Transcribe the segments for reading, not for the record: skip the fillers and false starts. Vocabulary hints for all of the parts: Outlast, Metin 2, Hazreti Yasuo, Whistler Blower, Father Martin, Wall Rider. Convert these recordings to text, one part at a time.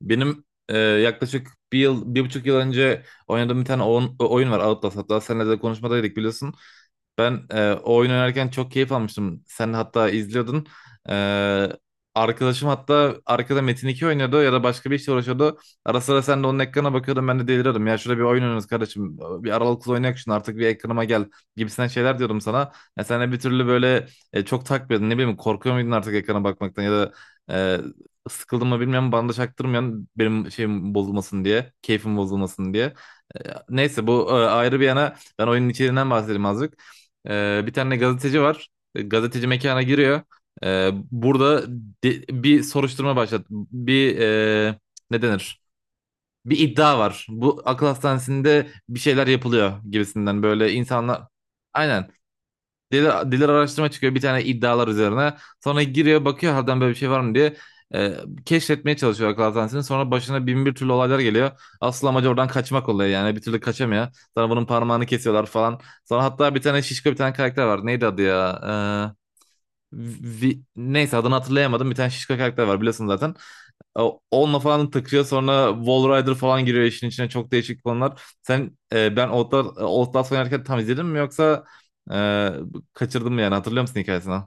Benim yaklaşık bir yıl, bir buçuk yıl önce oynadığım bir tane oyun var, Outlast. Hatta seninle de konuşmadaydık, biliyorsun. Ben o oyun oynarken çok keyif almıştım. Sen hatta izliyordun. E, Arkadaşım hatta arkada Metin 2 oynuyordu ya da başka bir işle uğraşıyordu. Ara sıra sen de onun ekrana bakıyordun, ben de deliriyordum. Ya şurada bir oyun oynuyoruz kardeşim, bir aralıklı oynayak şunu artık, bir ekranıma gel gibisinden şeyler diyordum sana. Ya sen de bir türlü böyle çok takmıyordun. Ne bileyim, korkuyor muydun artık ekrana bakmaktan ya da e, sıkıldım mı bilmiyorum, bana da çaktırmayan, benim şeyim bozulmasın diye, keyfim bozulmasın diye. Ee, Neyse, bu ayrı bir yana, ben oyunun içeriğinden bahsedeyim azıcık. Bir tane gazeteci var. Gazeteci mekana giriyor. Burada bir soruşturma başlat. Bir, ne denir, bir iddia var. Bu akıl hastanesinde bir şeyler yapılıyor gibisinden, böyle insanlar. Aynen. Diğer araştırma çıkıyor bir tane, iddialar üzerine. Sonra giriyor, bakıyor harbiden böyle bir şey var mı diye. E, Keşfetmeye çalışıyor akıl hastanesini. Sonra başına bin bir türlü olaylar geliyor. Asıl amacı oradan kaçmak oluyor yani. Bir türlü kaçamıyor. Sonra bunun parmağını kesiyorlar falan. Sonra hatta bir tane şişko bir tane karakter var. Neydi adı ya? E, Neyse, adını hatırlayamadım. Bir tane şişko karakter var biliyorsun zaten. Onunla falan takıyor, sonra Wall Rider falan giriyor işin içine, çok değişik konular. Sen ben Outlast oynarken tam izledin mi yoksa e, kaçırdın mı, yani hatırlıyor musun hikayesini?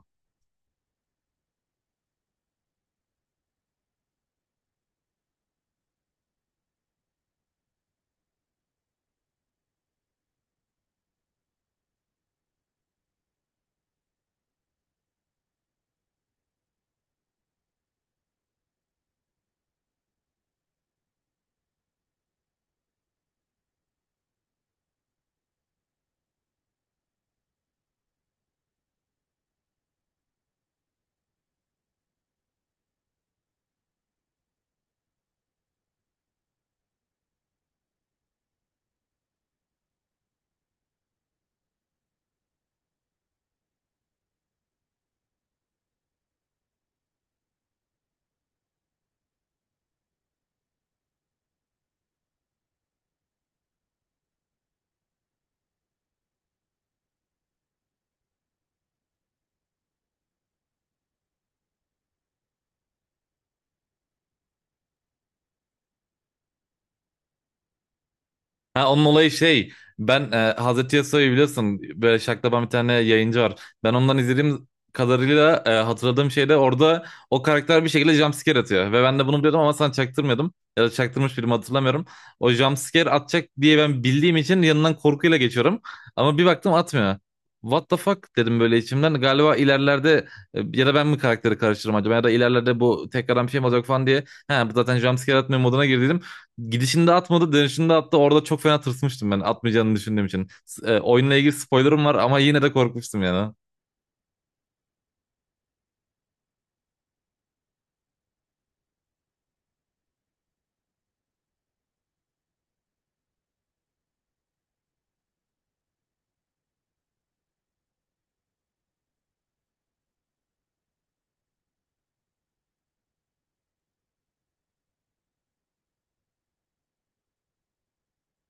Ha, onun olayı şey, ben Hazreti Yasuo'yu biliyorsun, böyle şaklaban bir tane yayıncı var. Ben ondan izlediğim kadarıyla hatırladığım şey de, orada o karakter bir şekilde jumpscare atıyor. Ve ben de bunu biliyordum ama sana çaktırmıyordum. Ya da çaktırmış birimi hatırlamıyorum. O jumpscare atacak diye ben bildiğim için yanından korkuyla geçiyorum. Ama bir baktım atmıyor. What the fuck dedim böyle içimden. Galiba ilerlerde, ya da ben mi karakteri karıştırırım acaba, ya da ilerlerde bu tekrardan bir şey mi olacak falan diye. Ha, bu zaten jumpscare atmıyor moduna girdim. Gidişinde atmadı, dönüşünde attı. Orada çok fena tırsmıştım ben, atmayacağını düşündüğüm için. Oyunla ilgili spoilerım var ama yine de korkmuştum yani.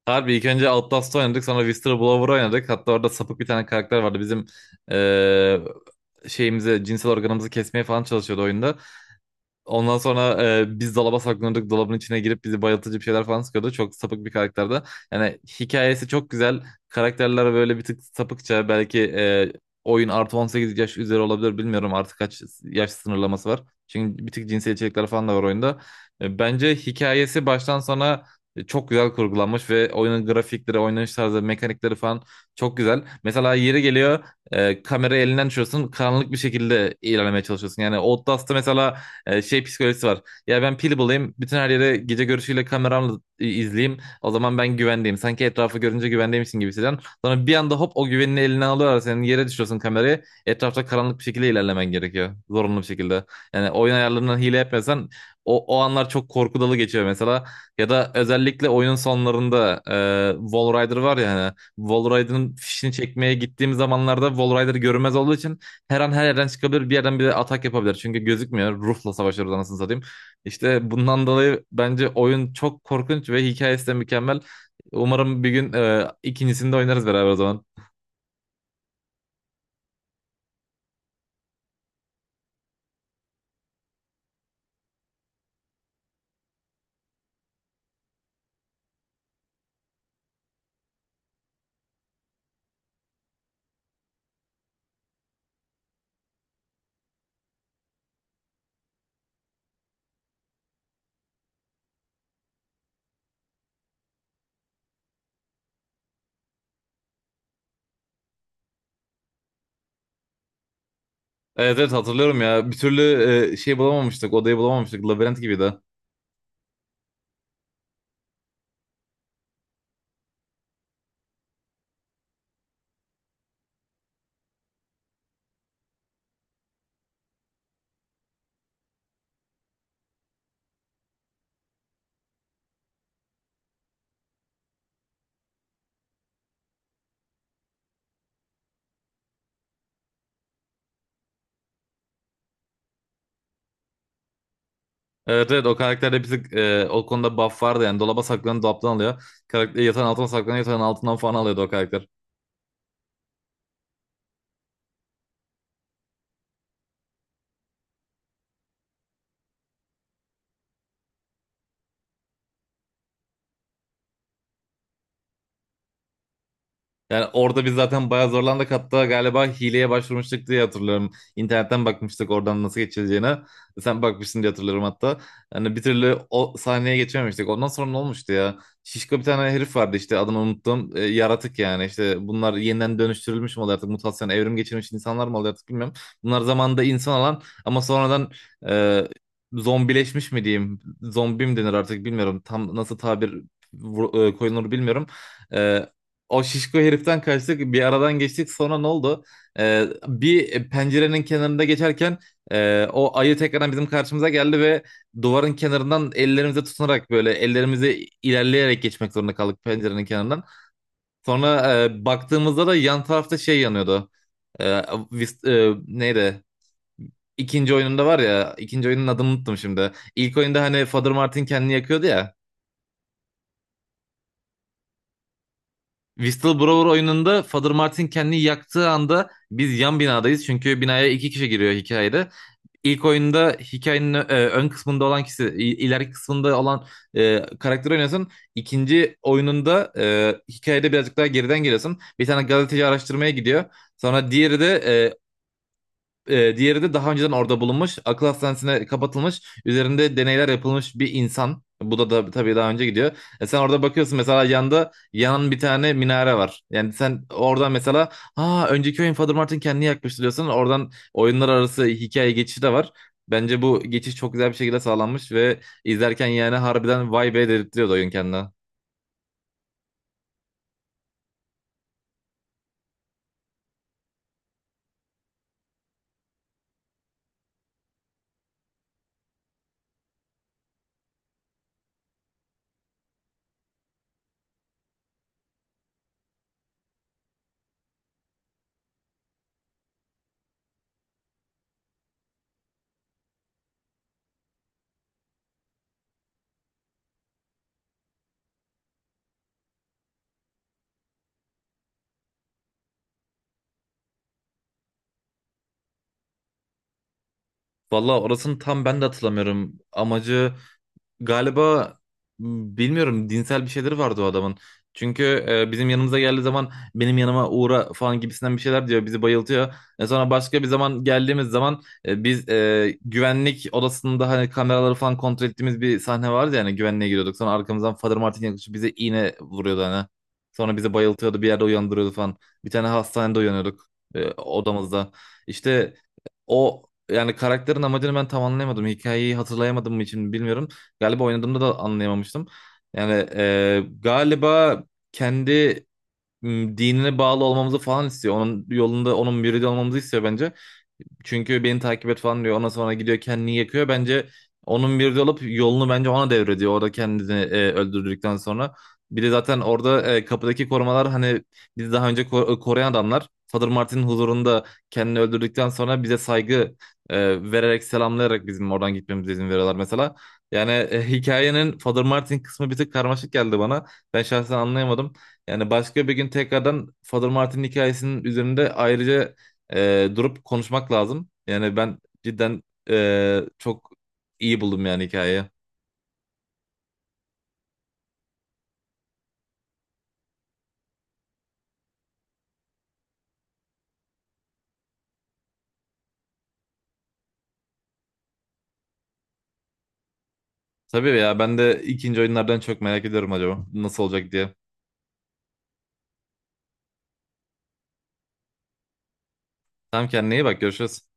Harbi ilk önce Outlast'ı oynadık, sonra Whistler Blower oynadık. Hatta orada sapık bir tane karakter vardı. Bizim şeyimizi, cinsel organımızı kesmeye falan çalışıyordu oyunda. Ondan sonra biz dolaba saklanırdık. Dolabın içine girip bizi bayıltıcı bir şeyler falan sıkıyordu. Çok sapık bir karakterde. Yani hikayesi çok güzel. Karakterler böyle bir tık sapıkça. Belki oyun artı 18 yaş üzeri olabilir. Bilmiyorum artık kaç yaş sınırlaması var. Çünkü bir tık cinsel içerikler falan da var oyunda. Bence hikayesi baştan sona çok güzel kurgulanmış ve oyunun grafikleri, oynanış tarzı, mekanikleri falan çok güzel. Mesela yeri geliyor kamerayı elinden düşüyorsun, karanlık bir şekilde ilerlemeye çalışıyorsun. Yani Outlast'ta mesela şey psikolojisi var. Ya ben pil bulayım, bütün her yere gece görüşüyle kameramla izleyeyim, o zaman ben güvendeyim. Sanki etrafı görünce güvendeymişsin gibi hissediyorsun. Sonra bir anda hop, o güvenini eline alıyorlar. Senin yere düşüyorsun kamerayı. Etrafta karanlık bir şekilde ilerlemen gerekiyor, zorunlu bir şekilde. Yani oyun ayarlarından hile yapmıyorsan o anlar çok korku dolu geçiyor mesela. Ya da özellikle oyunun sonlarında Wall Rider var ya hani, Wall Rider'ın fişini çekmeye gittiğim zamanlarda Wall Rider görünmez olduğu için her an her yerden çıkabilir, bir yerden bir de atak yapabilir. Çünkü gözükmüyor. Ruhla savaşıyoruz anasını satayım. İşte bundan dolayı bence oyun çok korkunç ve hikayesi de mükemmel. Umarım bir gün ikincisini de oynarız beraber o zaman. Evet, evet, hatırlıyorum ya. Bir türlü şey bulamamıştık, odayı bulamamıştık. Labirent gibiydi. Evet, evet, o karakterde bir tık o konuda buff vardı yani. Dolaba saklanıp dolaptan alıyor. Karakter yatağın altına saklanıyor, yatağın altından falan alıyordu o karakter. Yani orada biz zaten bayağı zorlandık. Hatta galiba hileye başvurmuştuk diye hatırlıyorum. İnternetten bakmıştık oradan nasıl geçileceğine. Sen bakmışsın diye hatırlıyorum hatta. Yani bir türlü o sahneye geçememiştik. Ondan sonra ne olmuştu ya? Şişko bir tane herif vardı işte, adını unuttum. Yaratık yani, işte bunlar yeniden dönüştürülmüş mü oluyor artık? Mutasyon, evrim geçirmiş insanlar mı oluyor artık, bilmiyorum. Bunlar zamanında insan olan ama sonradan e, zombileşmiş mi diyeyim? Zombi mi denir artık bilmiyorum. Tam nasıl tabir koyulur bilmiyorum. E, O şişko heriften kaçtık, bir aradan geçtik, sonra ne oldu? Bir pencerenin kenarında geçerken o ayı tekrardan bizim karşımıza geldi ve duvarın kenarından ellerimize tutunarak böyle, ellerimizi ilerleyerek geçmek zorunda kaldık pencerenin kenarından. Sonra baktığımızda da yan tarafta şey yanıyordu. Ee, Neydi? İkinci oyununda var ya, ikinci oyunun adını unuttum şimdi. İlk oyunda hani Father Martin kendini yakıyordu ya. Whistleblower oyununda Father Martin kendini yaktığı anda biz yan binadayız. Çünkü binaya iki kişi giriyor hikayede. İlk oyunda hikayenin ön kısmında olan kişi, ileriki kısmında olan karakteri oynuyorsun. İkinci oyununda hikayede birazcık daha geriden geliyorsun. Bir tane gazeteci araştırmaya gidiyor. Sonra diğeri de diğeri de daha önceden orada bulunmuş, akıl hastanesine kapatılmış, üzerinde deneyler yapılmış bir insan. Bu da tabii daha önce gidiyor. Sen orada bakıyorsun mesela, yanında yanan bir tane minare var. Yani sen oradan mesela, ha önceki oyun Father Martin kendini yakmıştı diyorsun. Oradan oyunlar arası hikaye geçişi de var. Bence bu geçiş çok güzel bir şekilde sağlanmış ve izlerken yani harbiden vay be dedirtiyordu oyun kendine. Valla orasını tam ben de hatırlamıyorum. Amacı galiba, bilmiyorum, dinsel bir şeyleri vardı o adamın. Çünkü bizim yanımıza geldiği zaman, benim yanıma uğra falan gibisinden bir şeyler diyor. Bizi bayıltıyor. Sonra başka bir zaman geldiğimiz zaman biz güvenlik odasında, hani kameraları falan kontrol ettiğimiz bir sahne vardı, yani güvenliğe giriyorduk. Sonra arkamızdan Father Martin yaklaşıp bize iğne vuruyordu hani. Sonra bizi bayıltıyordu, bir yerde uyandırıyordu falan. Bir tane hastanede uyanıyorduk odamızda. İşte o, yani karakterin amacını ben tam anlayamadım. Hikayeyi hatırlayamadığım için bilmiyorum. Galiba oynadığımda da anlayamamıştım. Yani galiba kendi dinine bağlı olmamızı falan istiyor. Onun yolunda, onun müridi olmamızı istiyor bence. Çünkü beni takip et falan diyor. Ondan sonra gidiyor kendini yakıyor. Bence onun bir de olup yolunu bence ona devrediyor. Orada kendini öldürdükten sonra. Bir de zaten orada kapıdaki korumalar, hani bizi daha önce koruyan adamlar, Father Martin'in huzurunda kendini öldürdükten sonra bize saygı e, vererek, selamlayarak bizim oradan gitmemize izin veriyorlar mesela. Yani hikayenin Father Martin kısmı bir tık karmaşık geldi bana. Ben şahsen anlayamadım. Yani başka bir gün tekrardan Father Martin hikayesinin üzerinde ayrıca durup konuşmak lazım. Yani ben cidden çok iyi buldum yani hikayeyi. Tabii ya, ben de ikinci oyunlardan çok merak ediyorum acaba nasıl olacak diye. Tamam, kendine iyi bak, görüşürüz.